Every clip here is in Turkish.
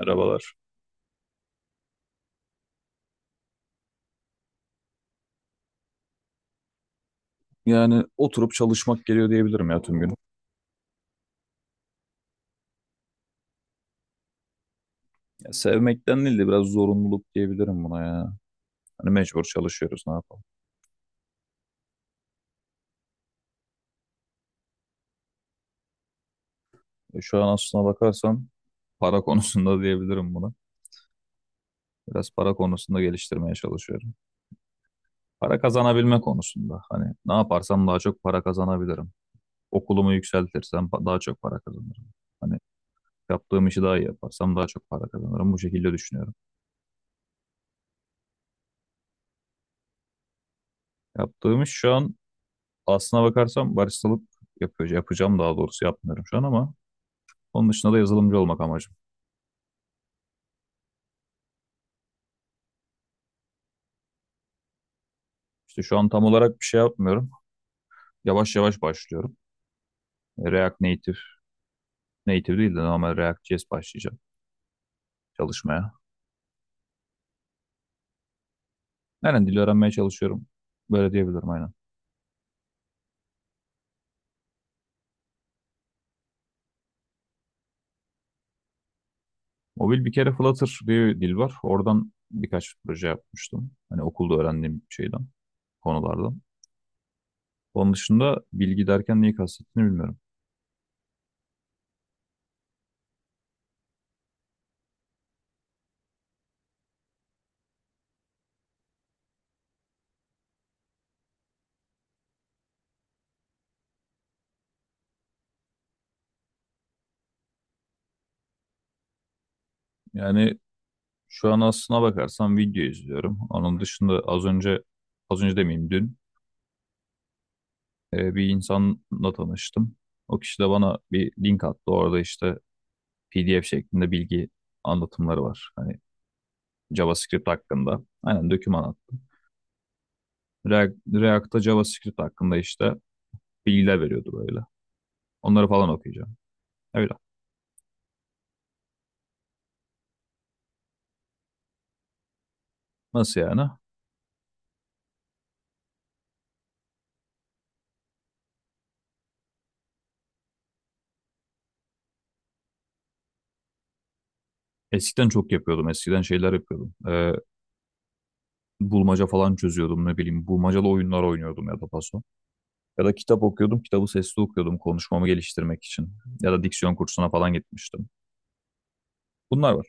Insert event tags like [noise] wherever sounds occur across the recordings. Merhabalar. Yani oturup çalışmak geliyor diyebilirim ya tüm gün. Ya sevmekten değil de biraz zorunluluk diyebilirim buna ya. Hani mecbur çalışıyoruz ne yapalım. Şu an aslına bakarsan para konusunda [laughs] diyebilirim buna. Biraz para konusunda geliştirmeye çalışıyorum. Para kazanabilme konusunda. Hani ne yaparsam daha çok para kazanabilirim. Okulumu yükseltirsem daha çok para kazanırım. Hani yaptığım işi daha iyi yaparsam daha çok para kazanırım. Bu şekilde düşünüyorum. Yaptığım iş şu an aslına bakarsam baristalık yapıyor, yapacağım daha doğrusu yapmıyorum şu an ama onun dışında da yazılımcı olmak amacım. İşte şu an tam olarak bir şey yapmıyorum. Yavaş yavaş başlıyorum. React Native, Native değil de normal React.js başlayacağım çalışmaya. Aynen dil öğrenmeye çalışıyorum. Böyle diyebilirim aynen. Mobil bir kere Flutter diye bir dil var. Oradan birkaç proje yapmıştım. Hani okulda öğrendiğim şeyden, konulardan. Onun dışında bilgi derken neyi kastettiğini bilmiyorum. Yani şu an aslına bakarsam video izliyorum. Onun dışında az önce, az önce demeyeyim dün bir insanla tanıştım. O kişi de bana bir link attı. Orada işte PDF şeklinde bilgi anlatımları var. Hani JavaScript hakkında. Aynen doküman attım. React'ta JavaScript hakkında işte bilgiler veriyordu böyle. Onları falan okuyacağım. Öyle. Nasıl yani? Eskiden çok yapıyordum. Eskiden şeyler yapıyordum. Bulmaca falan çözüyordum ne bileyim. Bulmacalı oyunlar oynuyordum ya da paso. Ya da kitap okuyordum. Kitabı sesli okuyordum konuşmamı geliştirmek için. Ya da diksiyon kursuna falan gitmiştim. Bunlar.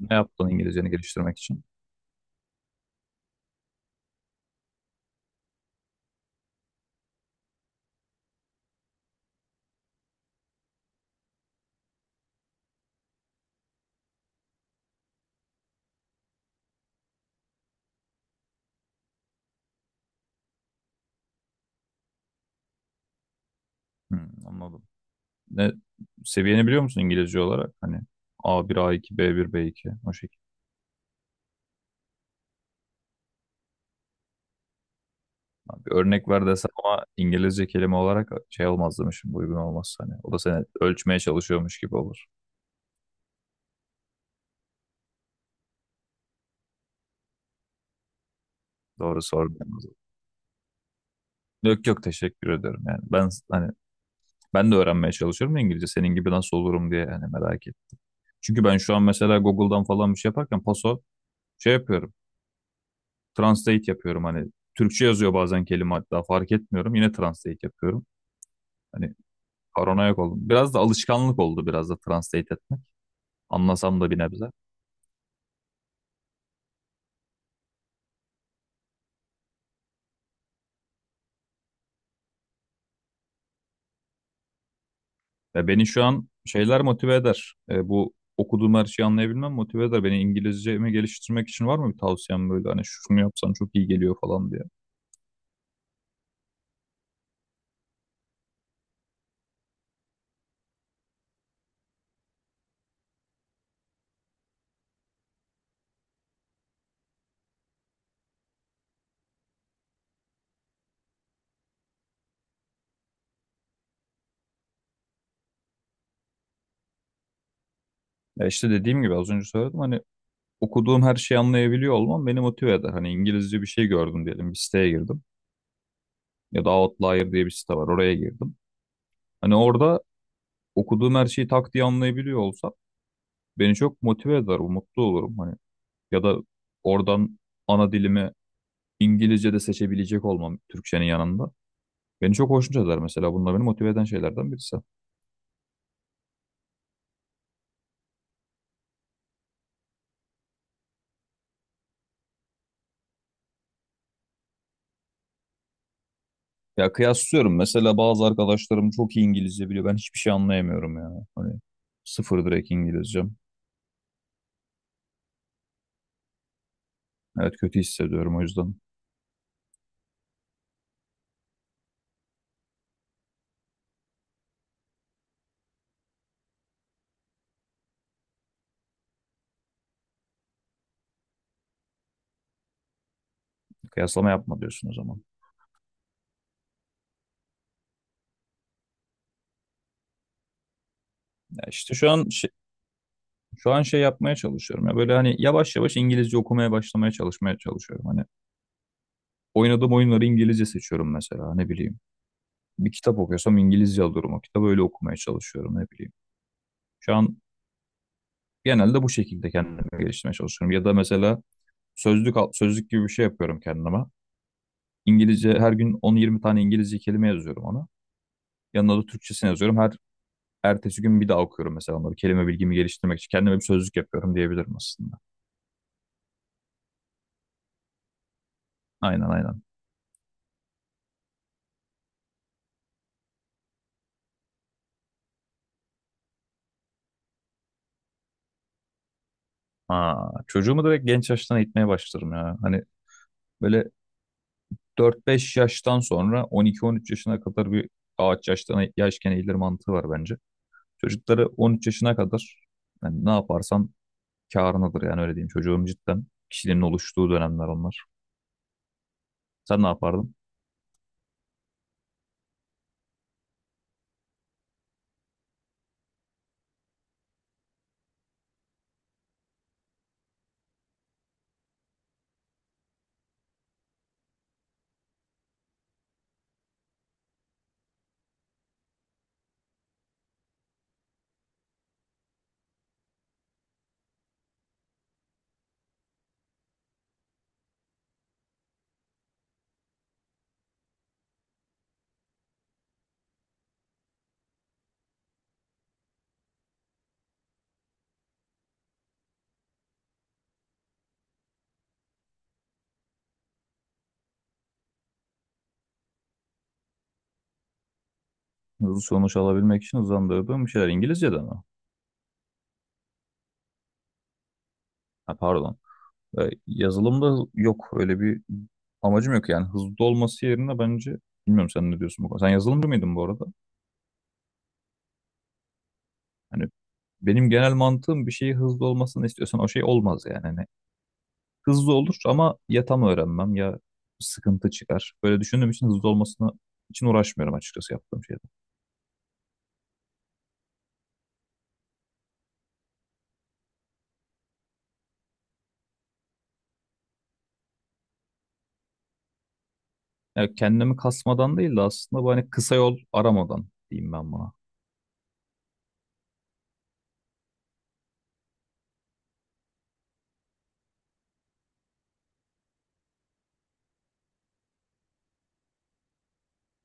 Ne yaptın İngilizceni geliştirmek için? Hmm, anladım. Ne seviyeni biliyor musun İngilizce olarak? Hani A1, A2, B1, B2 o şekilde. Abi bir örnek ver desem ama İngilizce kelime olarak şey olmaz demişim. Uygun olmaz hani. O da seni ölçmeye çalışıyormuş gibi olur. Doğru sordun. Yok, yok, teşekkür ederim. Yani ben hani ben de öğrenmeye çalışıyorum ya İngilizce. Senin gibi nasıl olurum diye hani merak ettim. Çünkü ben şu an mesela Google'dan falan bir şey yaparken paso şey yapıyorum. Translate yapıyorum hani Türkçe yazıyor bazen kelime hatta fark etmiyorum yine translate yapıyorum. Hani paranoyak oldum. Biraz da alışkanlık oldu biraz da translate etmek. Anlasam da bir nebze. Ve beni şu an şeyler motive eder. Bu okuduğum her şeyi anlayabilmem motive eder. Beni İngilizcemi geliştirmek için var mı bir tavsiyem böyle hani şunu yapsan çok iyi geliyor falan diye. Ya işte dediğim gibi az önce söyledim hani okuduğum her şeyi anlayabiliyor olmam beni motive eder. Hani İngilizce bir şey gördüm diyelim bir siteye girdim ya da Outlier diye bir site var oraya girdim. Hani orada okuduğum her şeyi tak diye anlayabiliyor olsam beni çok motive eder, mutlu olurum hani. Ya da oradan ana dilimi İngilizce de seçebilecek olmam Türkçenin yanında. Beni çok hoşnut eder mesela. Bunlar beni motive eden şeylerden birisi. Ya, kıyaslıyorum. Mesela bazı arkadaşlarım çok iyi İngilizce biliyor. Ben hiçbir şey anlayamıyorum ya. Hani sıfır direkt İngilizcem. Evet, kötü hissediyorum o yüzden. Kıyaslama yapma diyorsun o zaman. Ya işte Şu an şey yapmaya çalışıyorum. Ya böyle hani yavaş yavaş İngilizce okumaya başlamaya çalışmaya çalışıyorum. Hani oynadığım oyunları İngilizce seçiyorum mesela ne bileyim. Bir kitap okuyorsam İngilizce alıyorum o kitabı öyle okumaya çalışıyorum ne bileyim. Şu an genelde bu şekilde kendimi geliştirmeye çalışıyorum. Ya da mesela sözlük gibi bir şey yapıyorum kendime. İngilizce her gün 10-20 tane İngilizce kelime yazıyorum ona. Yanına da Türkçesini yazıyorum. Her ertesi gün bir daha okuyorum mesela onları. Kelime bilgimi geliştirmek için kendime bir sözlük yapıyorum diyebilirim aslında. Aynen, aynen. Aa, çocuğumu direkt genç yaştan eğitmeye başlarım ya. Hani böyle 4-5 yaştan sonra 12-13 yaşına kadar bir ağaç yaştan yaşken eğilir mantığı var bence. Çocukları 13 yaşına kadar yani ne yaparsan kârınadır yani öyle diyeyim. Çocuğun cidden kişiliğinin oluştuğu dönemler onlar. Sen ne yapardın? Hızlı sonuç alabilmek için hızlandırdığım bir şeyler İngilizce'de mi? Ha, pardon. Yazılımda yok öyle bir amacım yok yani hızlı olması yerine bence bilmiyorum sen ne diyorsun bu konuda. Sen yazılımcı mıydın bu arada? Hani benim genel mantığım bir şeyi hızlı olmasını istiyorsan o şey olmaz yani. Hızlı olur ama ya tam öğrenmem ya sıkıntı çıkar. Böyle düşündüğüm için hızlı olmasına için uğraşmıyorum açıkçası yaptığım şeyde. Yani kendimi kasmadan değil de aslında bu hani kısa yol aramadan diyeyim ben buna.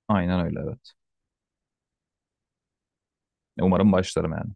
Aynen öyle, evet. Umarım başlarım yani.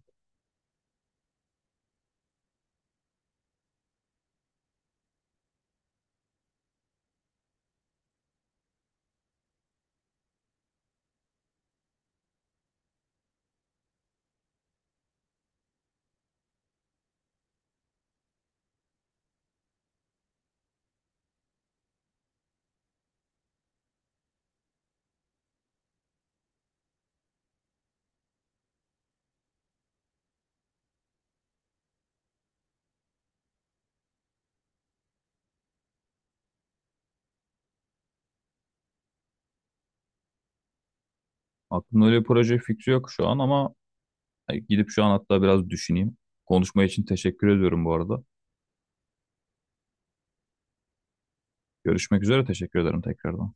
Aklımda öyle bir proje fikri yok şu an ama gidip şu an hatta biraz düşüneyim. Konuşma için teşekkür ediyorum bu arada. Görüşmek üzere, teşekkür ederim tekrardan.